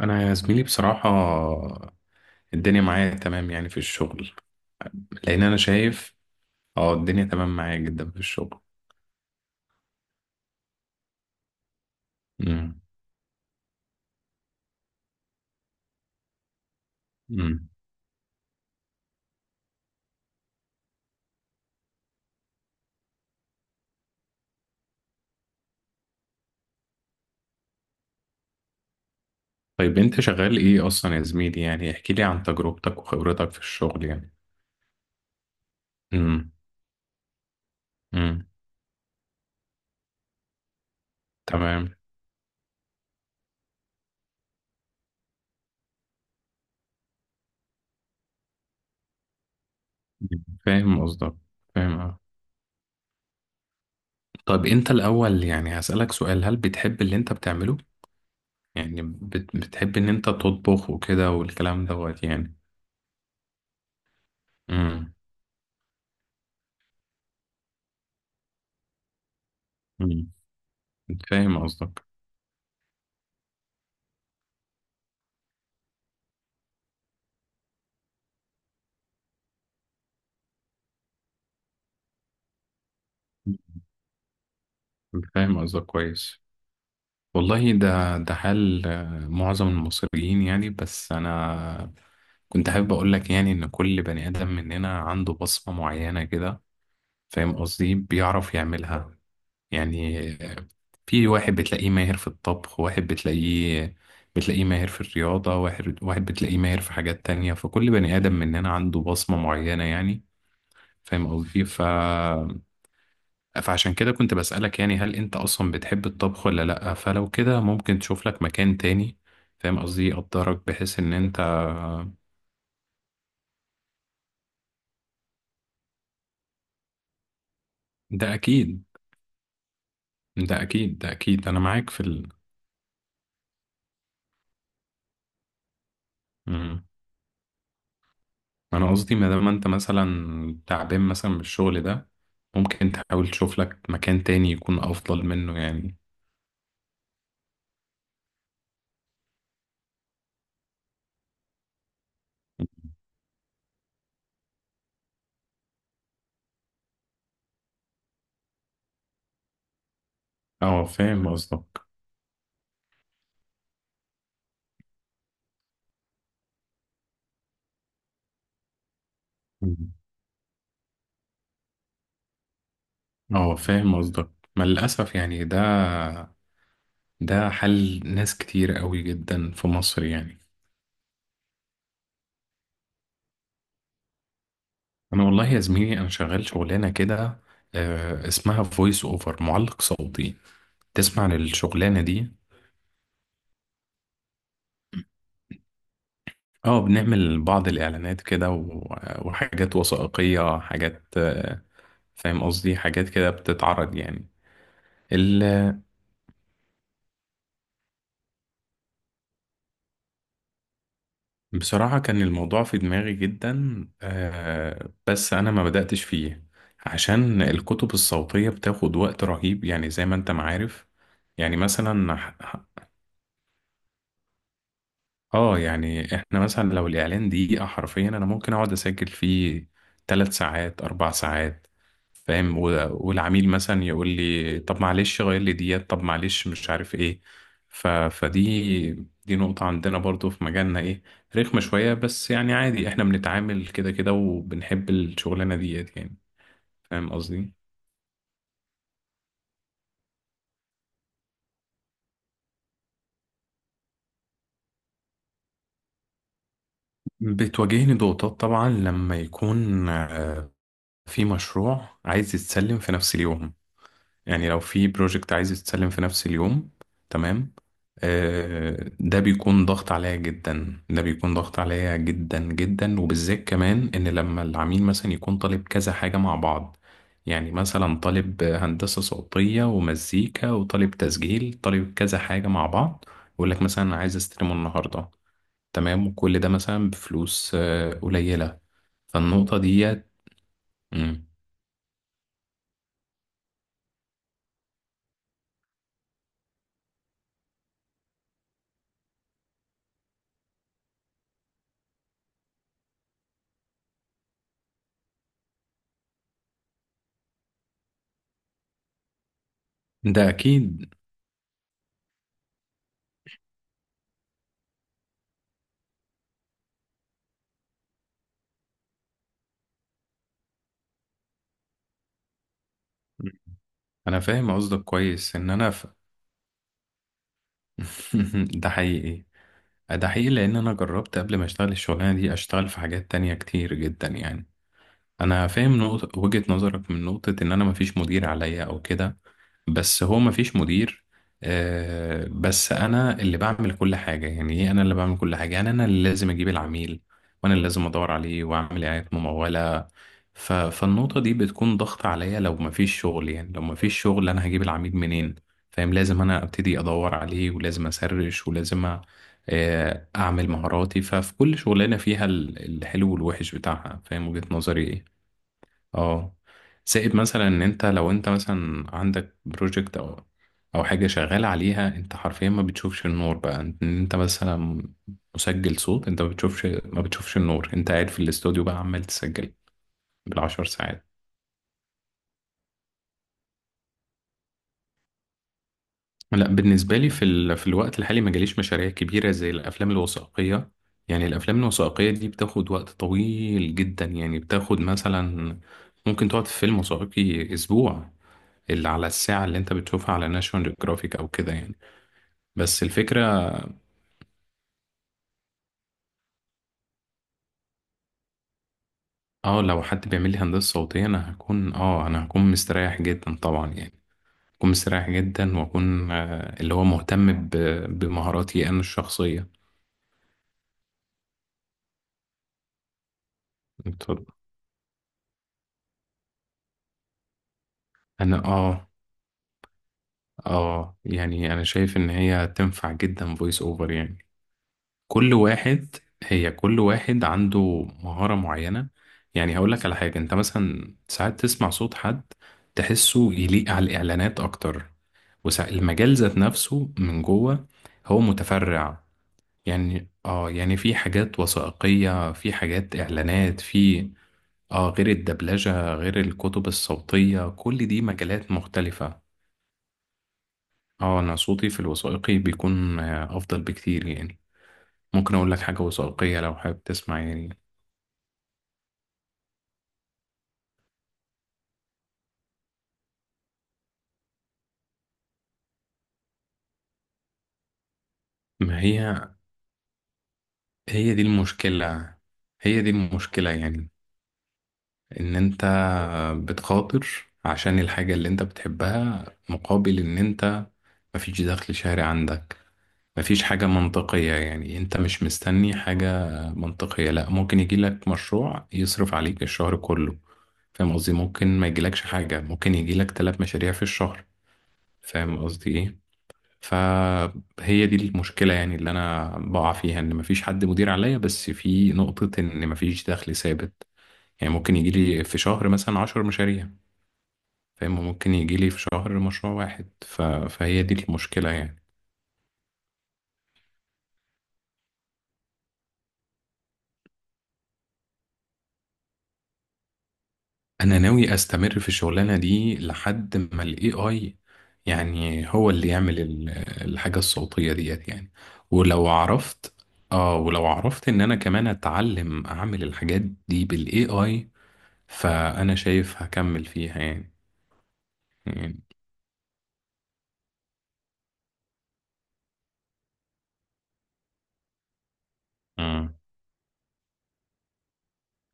انا يا زميلي بصراحة الدنيا معايا تمام يعني في الشغل، لان انا شايف اه الدنيا تمام معايا جدا في الشغل. امم امم طيب انت شغال ايه اصلا يا زميلي؟ يعني احكي لي عن تجربتك وخبرتك في الشغل يعني. امم امم تمام. فاهم قصدك. فاهم طيب، انت الاول يعني هسألك سؤال، هل بتحب اللي انت بتعمله؟ يعني بتحب ان انت تطبخ وكده والكلام دوت يعني. امم امم فاهم قصدك. فاهم قصدك كويس. والله ده حال معظم المصريين يعني، بس أنا كنت حابب أقول لك يعني إن كل بني آدم مننا عنده بصمة معينة كده، فاهم قصدي، بيعرف يعملها. يعني في واحد بتلاقيه ماهر في الطبخ، واحد بتلاقيه ماهر في الرياضة، واحد بتلاقيه ماهر في حاجات تانية. فكل بني آدم مننا عنده بصمة معينة يعني، فاهم قصدي. فعشان كده كنت بسألك، يعني هل انت اصلا بتحب الطبخ ولا لأ؟ فلو كده ممكن تشوف لك مكان تاني، فاهم قصدي، يقدرك بحيث ان انت ده اكيد ده اكيد. انا معاك في مم. انا قصدي ما دام انت مثلا تعبان مثلا من الشغل ده، ممكن تحاول تشوف لك مكان تاني يكون افضل منه يعني. اه، فاهم قصدك. مم. اه، فاهم قصدك. ما للأسف يعني، ده حل ناس كتير قوي جدا في مصر يعني. انا والله يا زميلي، انا شغال شغلانه كده، اسمها فويس اوفر، معلق صوتي. تسمع عن الشغلانه دي؟ اه، بنعمل بعض الاعلانات كده وحاجات وثائقيه، حاجات فاهم قصدي، حاجات كده بتتعرض يعني. ال- بصراحه كان الموضوع في دماغي جدا بس انا ما بداتش فيه، عشان الكتب الصوتيه بتاخد وقت رهيب يعني، زي ما انت معارف. يعني مثلا، اه، يعني احنا مثلا لو الاعلان دقيقة حرفيا، انا ممكن اقعد اسجل فيه 3 ساعات، 4 ساعات، فاهم. والعميل مثلا يقول لي طب معلش غير لي ديت، طب معلش مش عارف ايه. فدي، دي نقطة عندنا برضو في مجالنا، ايه، رخمة شوية، بس يعني عادي، احنا بنتعامل كده كده وبنحب الشغلانة ديت يعني، فاهم قصدي. بتواجهني ضغوطات طبعا، لما يكون في مشروع عايز يتسلم في نفس اليوم. يعني لو في بروجكت عايز يتسلم في نفس اليوم، تمام، ده بيكون ضغط عليا جدا، ده بيكون ضغط عليا جدا جدا. وبالذات كمان ان لما العميل مثلا يكون طالب كذا حاجة مع بعض، يعني مثلا طالب هندسة صوتية ومزيكا، وطالب تسجيل، طالب كذا حاجة مع بعض، يقول لك مثلا أنا عايز استلمه النهاردة، تمام، وكل ده مثلا بفلوس قليلة. فالنقطة ديت مم. ده أكيد. انا فاهم قصدك كويس ان انا ده حقيقي. ده حقيقي، لان انا جربت قبل ما اشتغل الشغلانه دي، اشتغل في حاجات تانية كتير جدا يعني. انا فاهم نقطة وجهة نظرك، من نقطة ان انا مفيش مدير عليا او كده، بس هو مفيش مدير، بس انا اللي بعمل كل حاجه. يعني ايه؟ انا اللي بعمل كل حاجه، يعني انا اللي لازم اجيب العميل، وانا اللي لازم ادور عليه واعمل اعلانات مموله. فالنقطه دي بتكون ضغط عليا لو مفيش شغل، يعني لو مفيش شغل، انا هجيب العميل منين؟ فاهم، لازم انا ابتدي ادور عليه، ولازم اسرش، اعمل مهاراتي. ففي كل شغلانه فيها الحلو والوحش بتاعها، فاهم وجهه نظري إيه. اه، زائد مثلا ان انت لو انت مثلا عندك بروجكت او او حاجه شغال عليها، انت حرفيا ما بتشوفش النور، بقى ان انت مثلا مسجل صوت، انت ما بتشوفش النور، انت قاعد في الاستوديو بقى عمال تسجل بال10 ساعات. لا، بالنسبه لي في في الوقت الحالي ما جاليش مشاريع كبيره زي الافلام الوثائقيه، يعني الافلام الوثائقيه دي بتاخد وقت طويل جدا، يعني بتاخد مثلا، ممكن تقعد في فيلم وثائقي اسبوع، اللي على الساعة اللي انت بتشوفها على ناشونال جرافيك او كده يعني. بس الفكرة، اه، لو حد بيعمل لي هندسة صوتية، انا هكون اه، انا هكون مستريح جدا طبعا يعني، هكون مستريح جدا، واكون آه اللي هو مهتم بمهاراتي انا الشخصية. انت- انا اه، اه، يعني انا شايف ان هي تنفع جدا فويس اوفر يعني. كل واحد هي كل واحد عنده مهارة معينة. يعني هقول لك على حاجة، انت مثلا ساعات تسمع صوت حد تحسه يليق على الإعلانات أكتر، والمجال ذات نفسه من جوه هو متفرع. يعني اه، يعني في حاجات وثائقية، في حاجات إعلانات، في اه، غير الدبلجة، غير الكتب الصوتية، كل دي مجالات مختلفة. اه، انا صوتي في الوثائقي بيكون افضل بكتير يعني. ممكن اقول لك حاجة وثائقية لو حابب تسمع يعني. ما هي، هي دي المشكلة هي دي المشكلة يعني، ان انت بتخاطر عشان الحاجة اللي انت بتحبها، مقابل ان انت مفيش دخل شهري عندك. مفيش حاجة منطقية يعني، انت مش مستني حاجة منطقية، لا ممكن يجيلك مشروع يصرف عليك الشهر كله، فاهم قصدي، ممكن ما يجيلكش حاجة، ممكن يجيلك تلات مشاريع في الشهر، فاهم قصدي ايه. فهي دي المشكلة يعني، اللي أنا بقع فيها، إن مفيش حد مدير عليا، بس في نقطة إن مفيش دخل ثابت. يعني ممكن يجيلي في شهر مثلا 10 مشاريع، فاهم، ممكن يجيلي في شهر مشروع واحد. فهي دي المشكلة يعني. أنا ناوي أستمر في الشغلانة دي لحد ما ال AI، يعني هو اللي يعمل الحاجة الصوتية ديت يعني. ولو عرفت، اه، ولو عرفت ان انا كمان اتعلم اعمل الحاجات دي بالAI، فأنا شايف هكمل فيها يعني. يعني مم.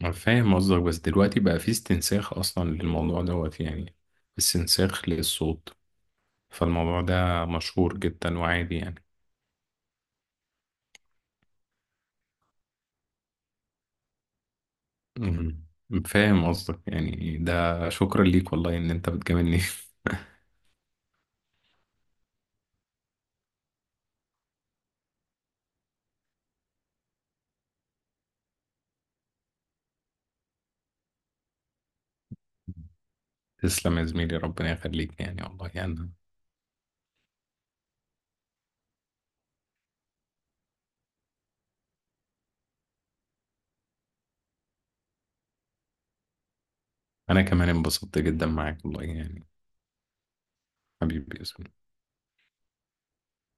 أنا فاهم قصدك، بس دلوقتي بقى في استنساخ أصلا للموضوع دوت يعني، استنساخ للصوت، فالموضوع ده مشهور جدا وعادي يعني. مم. فاهم قصدك، يعني ده شكرا ليك والله إن أنت بتجاملني. تسلم يا زميلي، ربنا يخليك، يعني والله يعني أنا، أنا كمان انبسطت جدا معاك والله يعني. حبيبي يا زميلي.